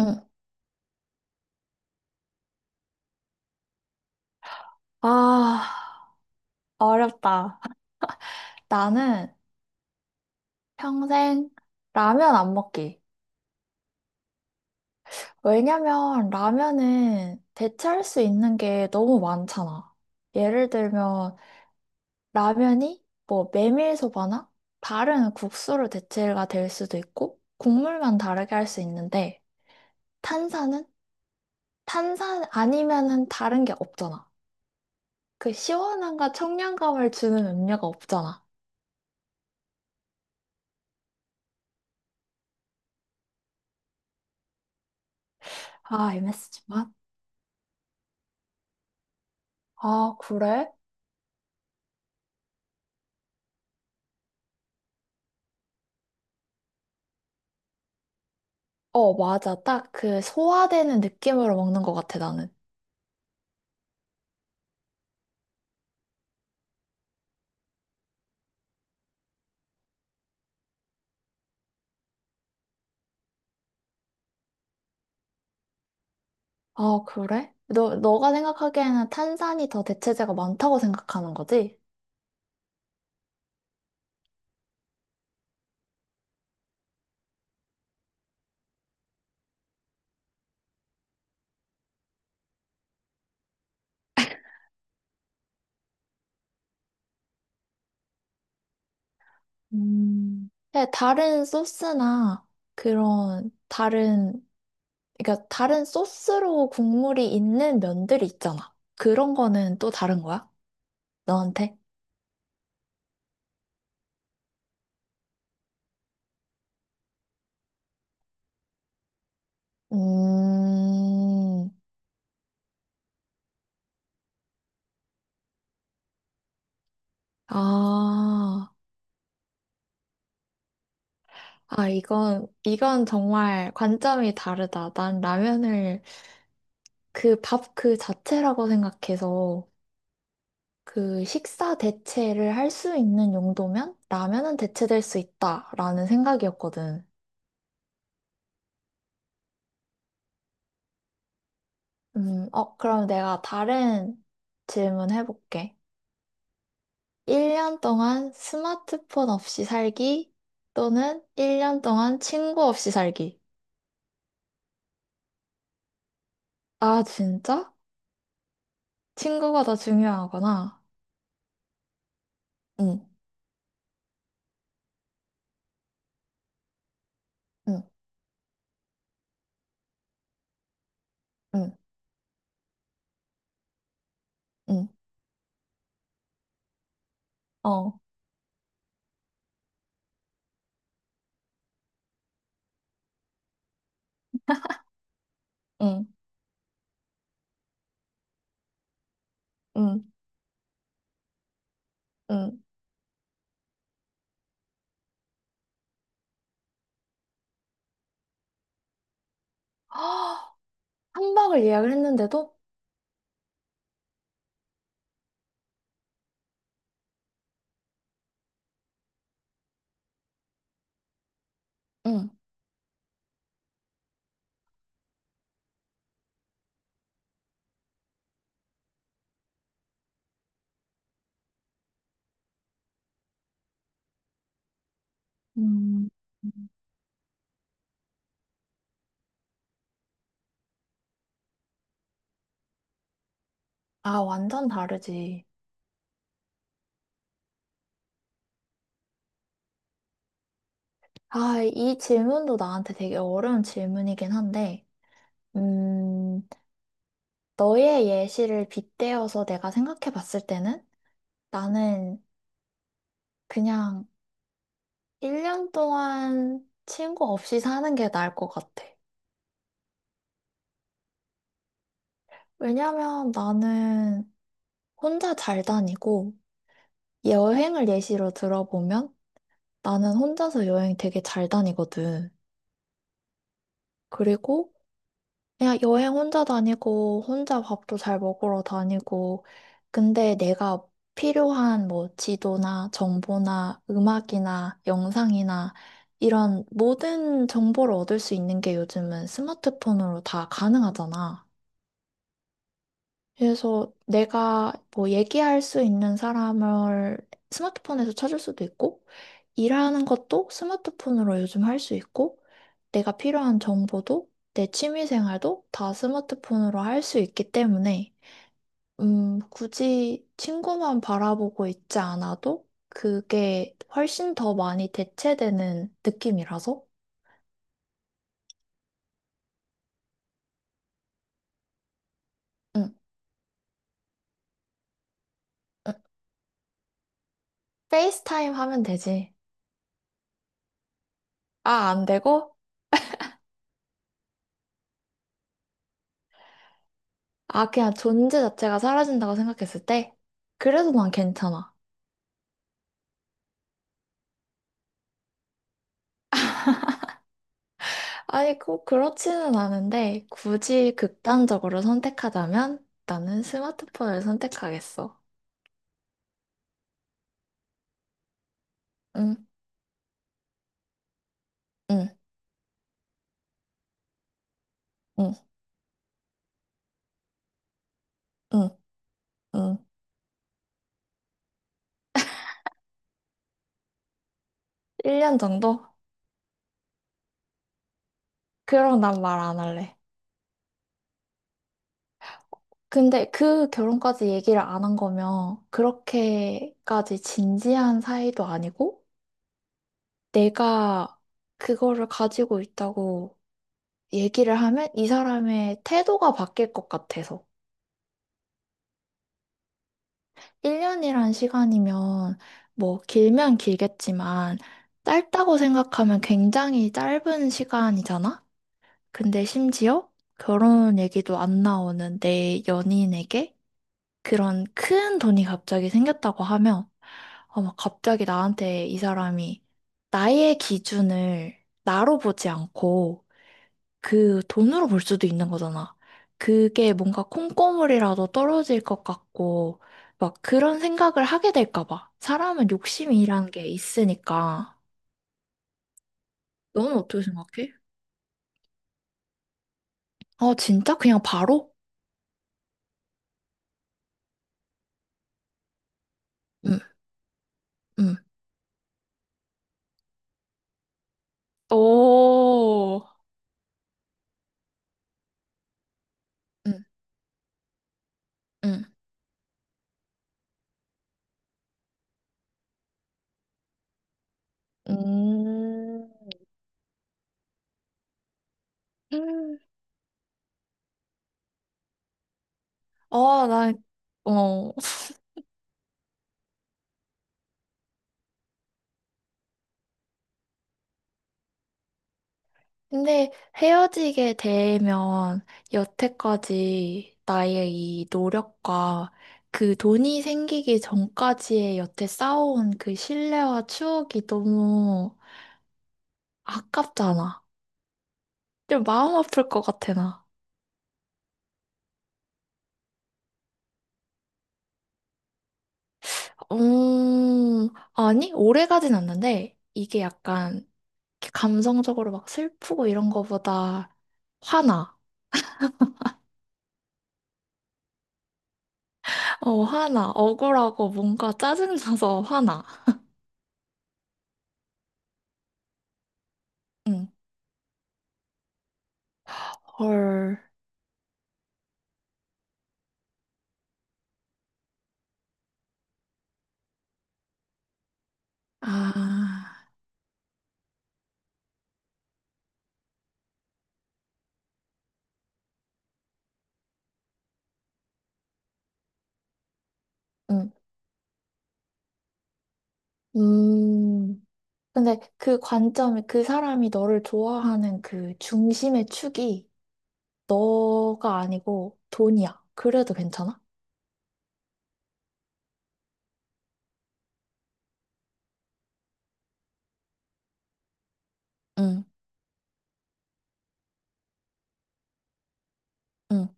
응. 아, 어렵다. 나는 평생 라면 안 먹기. 왜냐면 라면은 대체할 수 있는 게 너무 많잖아. 예를 들면 라면이 뭐 메밀소바나 다른 국수로 대체가 될 수도 있고 국물만 다르게 할 수 있는데 탄산은 탄산 아니면은 다른 게 없잖아. 그 시원함과 청량감을 주는 음료가 없잖아. 아, m s 지만 아, 그래? 어, 맞아. 딱 그 소화되는 느낌으로 먹는 것 같아, 나는. 아, 그래? 너가 생각하기에는 탄산이 더 대체재가 많다고 생각하는 거지? 네, 다른 소스나 그런 다른, 그러니까 다른 소스로 국물이 있는 면들이 있잖아. 그런 거는 또 다른 거야? 너한테? 음, 아, 아, 이건 정말 관점이 다르다. 난 라면을 그 밥 그 자체라고 생각해서 그 식사 대체를 할 수 있는 용도면 라면은 대체될 수 있다라는 생각이었거든. 그럼 내가 다른 질문 해볼게. 1년 동안 스마트폰 없이 살기 또는 1년 동안 친구 없이 살기. 아, 진짜? 친구가 더 중요하구나. 응, 응, 응, 응, 어, 응, 응, 응. 한 박을 예약을 했는데도? 응. 음. 아, 완전 다르지. 아, 이 질문도 나한테 되게 어려운 질문이긴 한데, 음, 너의 예시를 빗대어서 내가 생각해 봤을 때는 나는 그냥 1년 동안 친구 없이 사는 게 나을 것 같아. 왜냐면 나는 혼자 잘 다니고, 여행을 예시로 들어보면 나는 혼자서 여행 되게 잘 다니거든. 그리고 그냥 여행 혼자 다니고, 혼자 밥도 잘 먹으러 다니고, 근데 내가 필요한 뭐 지도나 정보나 음악이나 영상이나 이런 모든 정보를 얻을 수 있는 게 요즘은 스마트폰으로 다 가능하잖아. 그래서 내가 뭐 얘기할 수 있는 사람을 스마트폰에서 찾을 수도 있고, 일하는 것도 스마트폰으로 요즘 할 수 있고, 내가 필요한 정보도 내 취미 생활도 다 스마트폰으로 할 수 있기 때문에, 굳이 친구만 바라보고 있지 않아도 그게 훨씬 더 많이 대체되는 느낌이라서, 응, 응. 페이스타임 하면 되지. 아, 안 되고? 아, 그냥 존재 자체가 사라진다고 생각했을 때? 그래도 난 괜찮아. 아니, 꼭 그렇지는 않은데, 굳이 극단적으로 선택하자면 나는 스마트폰을 선택하겠어. 응, 응, 응, 응, 응. 1년 정도? 그럼 난 말 안 할래. 근데 그 결혼까지 얘기를 안 한 거면 그렇게까지 진지한 사이도 아니고, 내가 그거를 가지고 있다고 얘기를 하면 이 사람의 태도가 바뀔 것 같아서. 1년이란 시간이면 뭐 길면 길겠지만 짧다고 생각하면 굉장히 짧은 시간이잖아? 근데 심지어 결혼 얘기도 안 나오는 내 연인에게 그런 큰 돈이 갑자기 생겼다고 하면 아마 갑자기 나한테 이 사람이 나의 기준을 나로 보지 않고 그 돈으로 볼 수도 있는 거잖아. 그게 뭔가 콩고물이라도 떨어질 것 같고, 막 그런 생각을 하게 될까 봐. 사람은 욕심이란 게 있으니까. 너는 어떻게 생각해? 아, 진짜? 그냥 바로? 응, 응. 오, 응, 응. 음. 음. 아, 난, 어, 근데 헤어지게 되면 여태까지 나의 이 노력과 그 돈이 생기기 전까지의 여태 쌓아온 그 신뢰와 추억이 너무 아깝잖아. 좀 마음 아플 것 같아, 나. 아니, 오래 가진 않는데 이게 약간 이렇게 감성적으로 막 슬프고 이런 거보다 화나. 어, 화나. 억울하고 뭔가 짜증나서 화나. 응. 헐. 아. 응. 음. 근데 그 관점이 그 사람이 너를 좋아하는 그 중심의 축이 너가 아니고 돈이야. 그래도 괜찮아? 응, 응.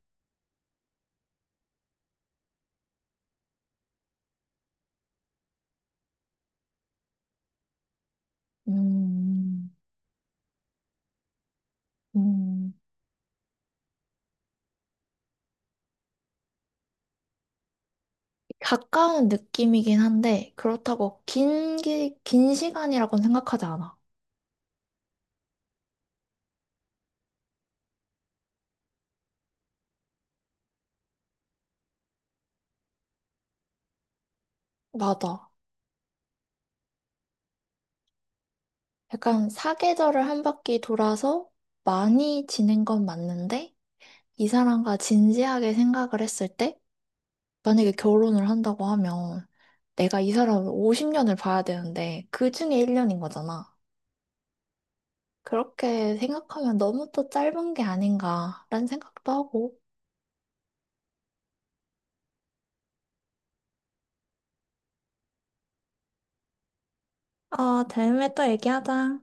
음, 음. 가까운 느낌이긴 한데 그렇다고 긴 시간이라고는 생각하지 않아. 맞아. 약간 사계절을 한 바퀴 돌아서 많이 지낸 건 맞는데 이 사람과 진지하게 생각을 했을 때 만약에 결혼을 한다고 하면 내가 이 사람을 50년을 봐야 되는데 그 중에 1년인 거잖아. 그렇게 생각하면 너무 또 짧은 게 아닌가라는 생각도 하고. 어, 다음에 또 얘기하자.